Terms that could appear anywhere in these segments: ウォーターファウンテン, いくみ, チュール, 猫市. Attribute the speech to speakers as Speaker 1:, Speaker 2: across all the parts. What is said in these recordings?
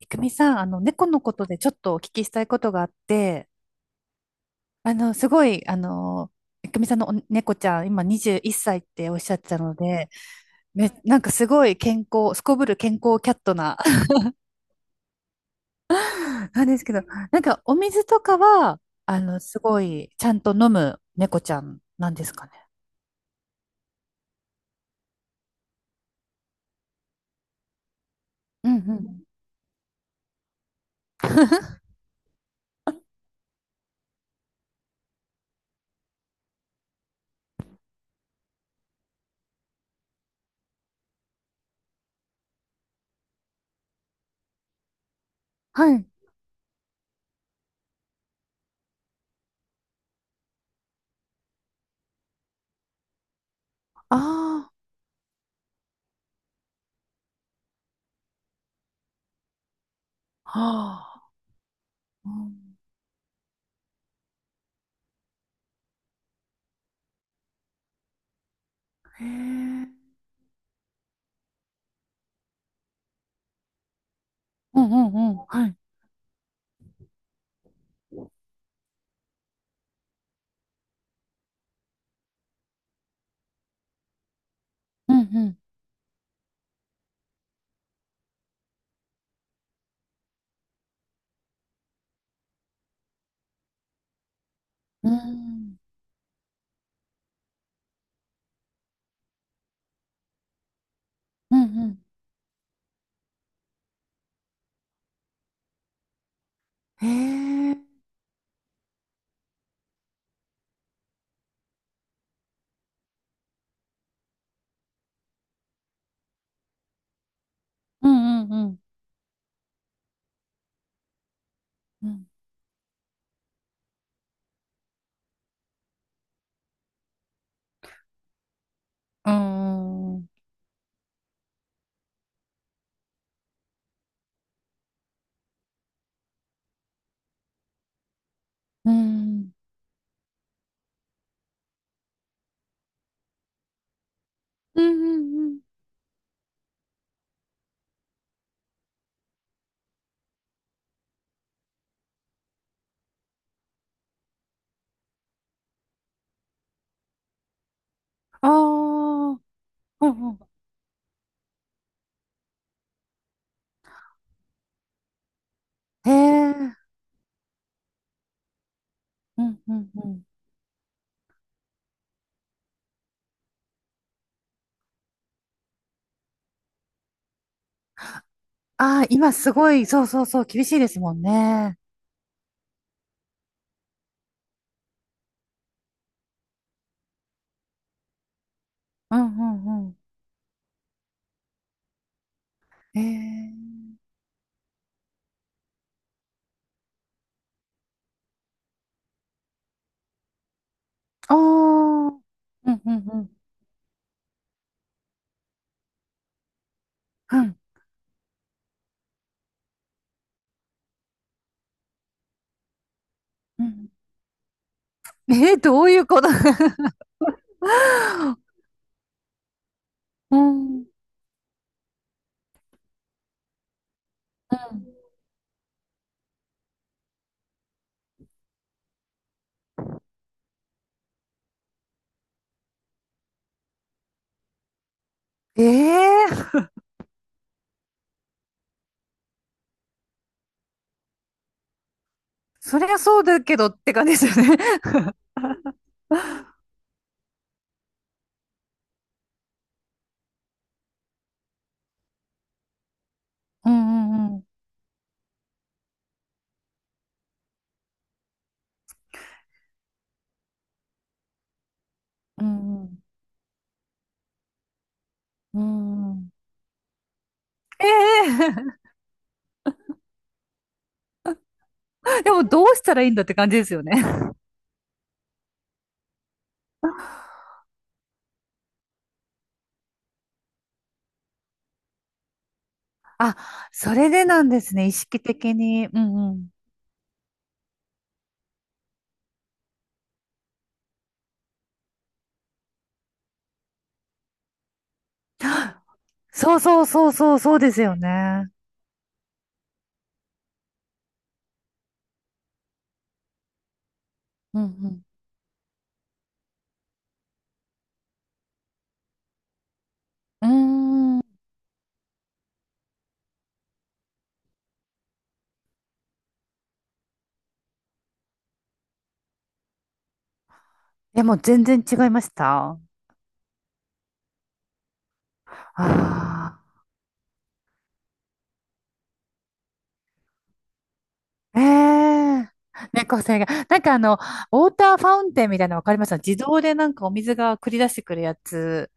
Speaker 1: いくみさん、猫のことでちょっとお聞きしたいことがあって、あの、すごい、あの、いくみさんのお猫ちゃん、今21歳っさいっておっしゃってたので、なんかすごい健康、すこぶる健康キャットな、なんですけど、なんかお水とかは、すごい、ちゃんと飲む猫ちゃんなんですかね。うんうん。はい。ああ、はあ。うん。へえ。うんうんうん。はい。うんうん。うん。うんうん。へえ。うんうんうんうん。うん。うん。うん。うんうん。ああー。うんうん。へえ。うんうんうん。ああ、今すごい、そうそうそう、厳しいですもんね。うんうんうん。へえ。ああ。うんうんうん。うんうん。えー、どういうこと？ うん。うん。ええー。そりゃそうだけどって感じですよね。うんうんうん。うんうん。うんうん。ええ。でもどうしたらいいんだって感じですよね。あ、それでなんですね。意識的に。うんうん。そうそうそうそう、そうですよね。うんうん。うーん。でも全然違いましたあ。あ。え。え。猫背が。なんかウォーターファウンテンみたいなの分かりました？自動でなんかお水が繰り出してくるやつ。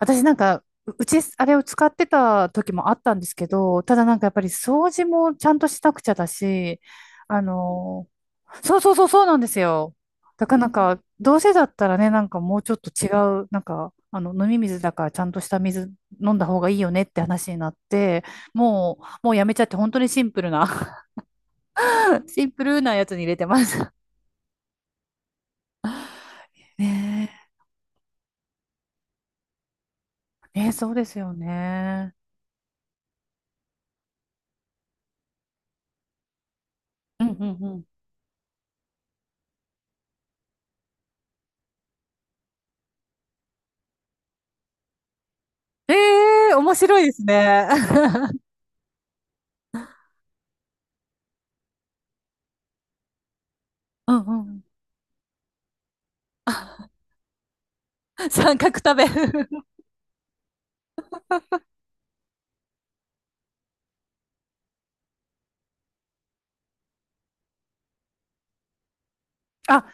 Speaker 1: 私なんか、ううち、あれを使ってた時もあったんですけど、ただなんかやっぱり掃除もちゃんとしなくちゃだし、あの、そうそうそうそうなんですよ。だからなんか、どうせだったらね、なんかもうちょっとなんか、飲み水だからちゃんとした水飲んだ方がいいよねって話になって、もうやめちゃって本当にシンプルな シンプルなやつに入れてます。ねえ、ねえ、そうですよね。うんうんうん。ええ、面白いですね。うんうんうん 三角食べ。あ。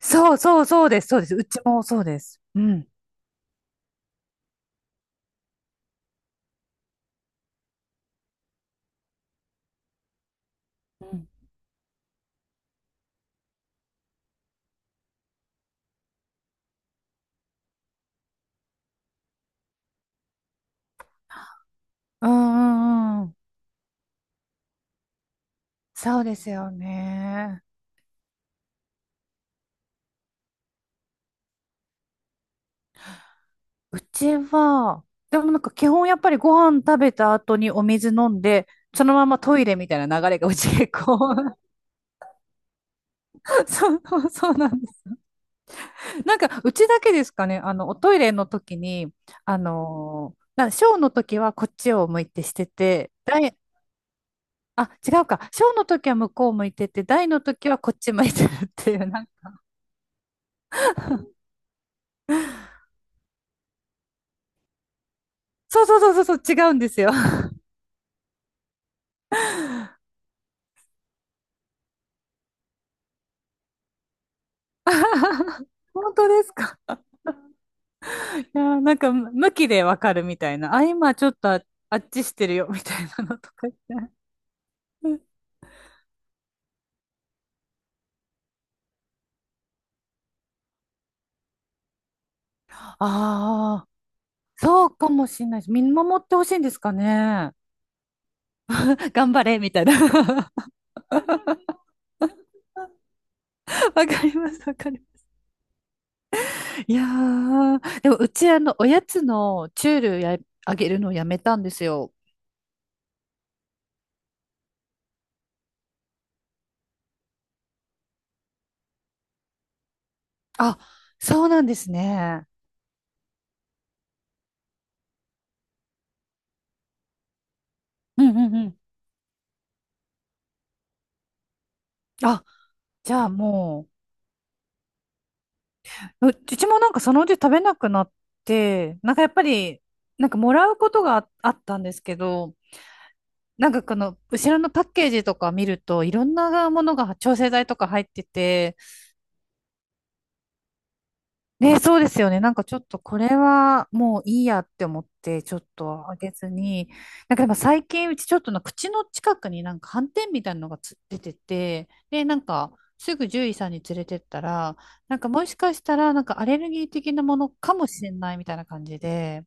Speaker 1: そうそうそうです、そうです。うちもそうです。うん。うんうんうんうん。そうですよね。うちは、でもなんか基本やっぱりご飯食べた後にお水飲んで、そのままトイレみたいな流れが うち結構 そう、そうそうなんです。なんかうちだけですかね、おトイレの時に、あのーなショーの時はこっちを向いてしてて、あ、違うか。小の時は向こう向いてて、大の時はこっち向いてるっていう、なんかそうそうそうそうそう、違うんですよ。本当ですか。いやー、なんか、向きでわかるみたいな。あ、今ちょっと、あ、あっちしてるよ、みたいなのとか言って。ああ、そうかもしれないで、見守ってほしいんですかね。頑張れ、みたいな。わかります、わかります。いやー、でもうち、おやつのチュールや、あげるのをやめたんですよ。あ、そうなんですね。うんうんうん。あ、じゃあもう、ううちもなんかそのうち食べなくなって、なんかやっぱり、なんかもらうことがああったんですけど、なんかこの後ろのパッケージとか見るといろんなものが調整剤とか入ってて、ね、そうですよね。なんかちょっとこれはもういいやって思って、ちょっとあげずに。なんかでも最近うちちょっとの口の近くになんか斑点みたいなのがつ出てて、で、なんかすぐ獣医さんに連れてったら、なんかもしかしたらなんかアレルギー的なものかもしれないみたいな感じで、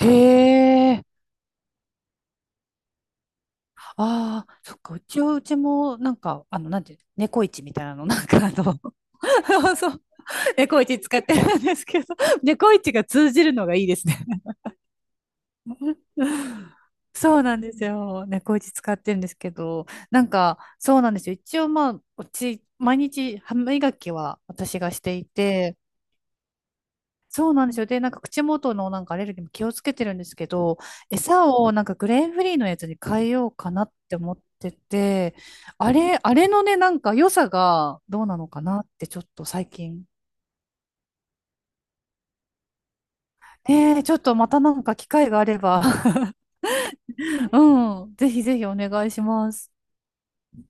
Speaker 1: へえ。ああ、そっか、うちは、うちも、なんか、なんていう、猫市みたいなの、なんかそう、猫市使ってるんですけど、猫市が通じるのがいいですね。そうなんですよ。猫打ち使ってるんですけど、なんか、そうなんですよ。一応まあ、うち、毎日歯磨きは私がしていて、そうなんですよ。で、なんか口元のなんかアレルギーも気をつけてるんですけど、餌をなんかグレーンフリーのやつに変えようかなって思ってて、あれのね、なんか良さがどうなのかなってちょっと最近。ちょっとまたなんか機会があれば うん、ぜひぜひお願いします。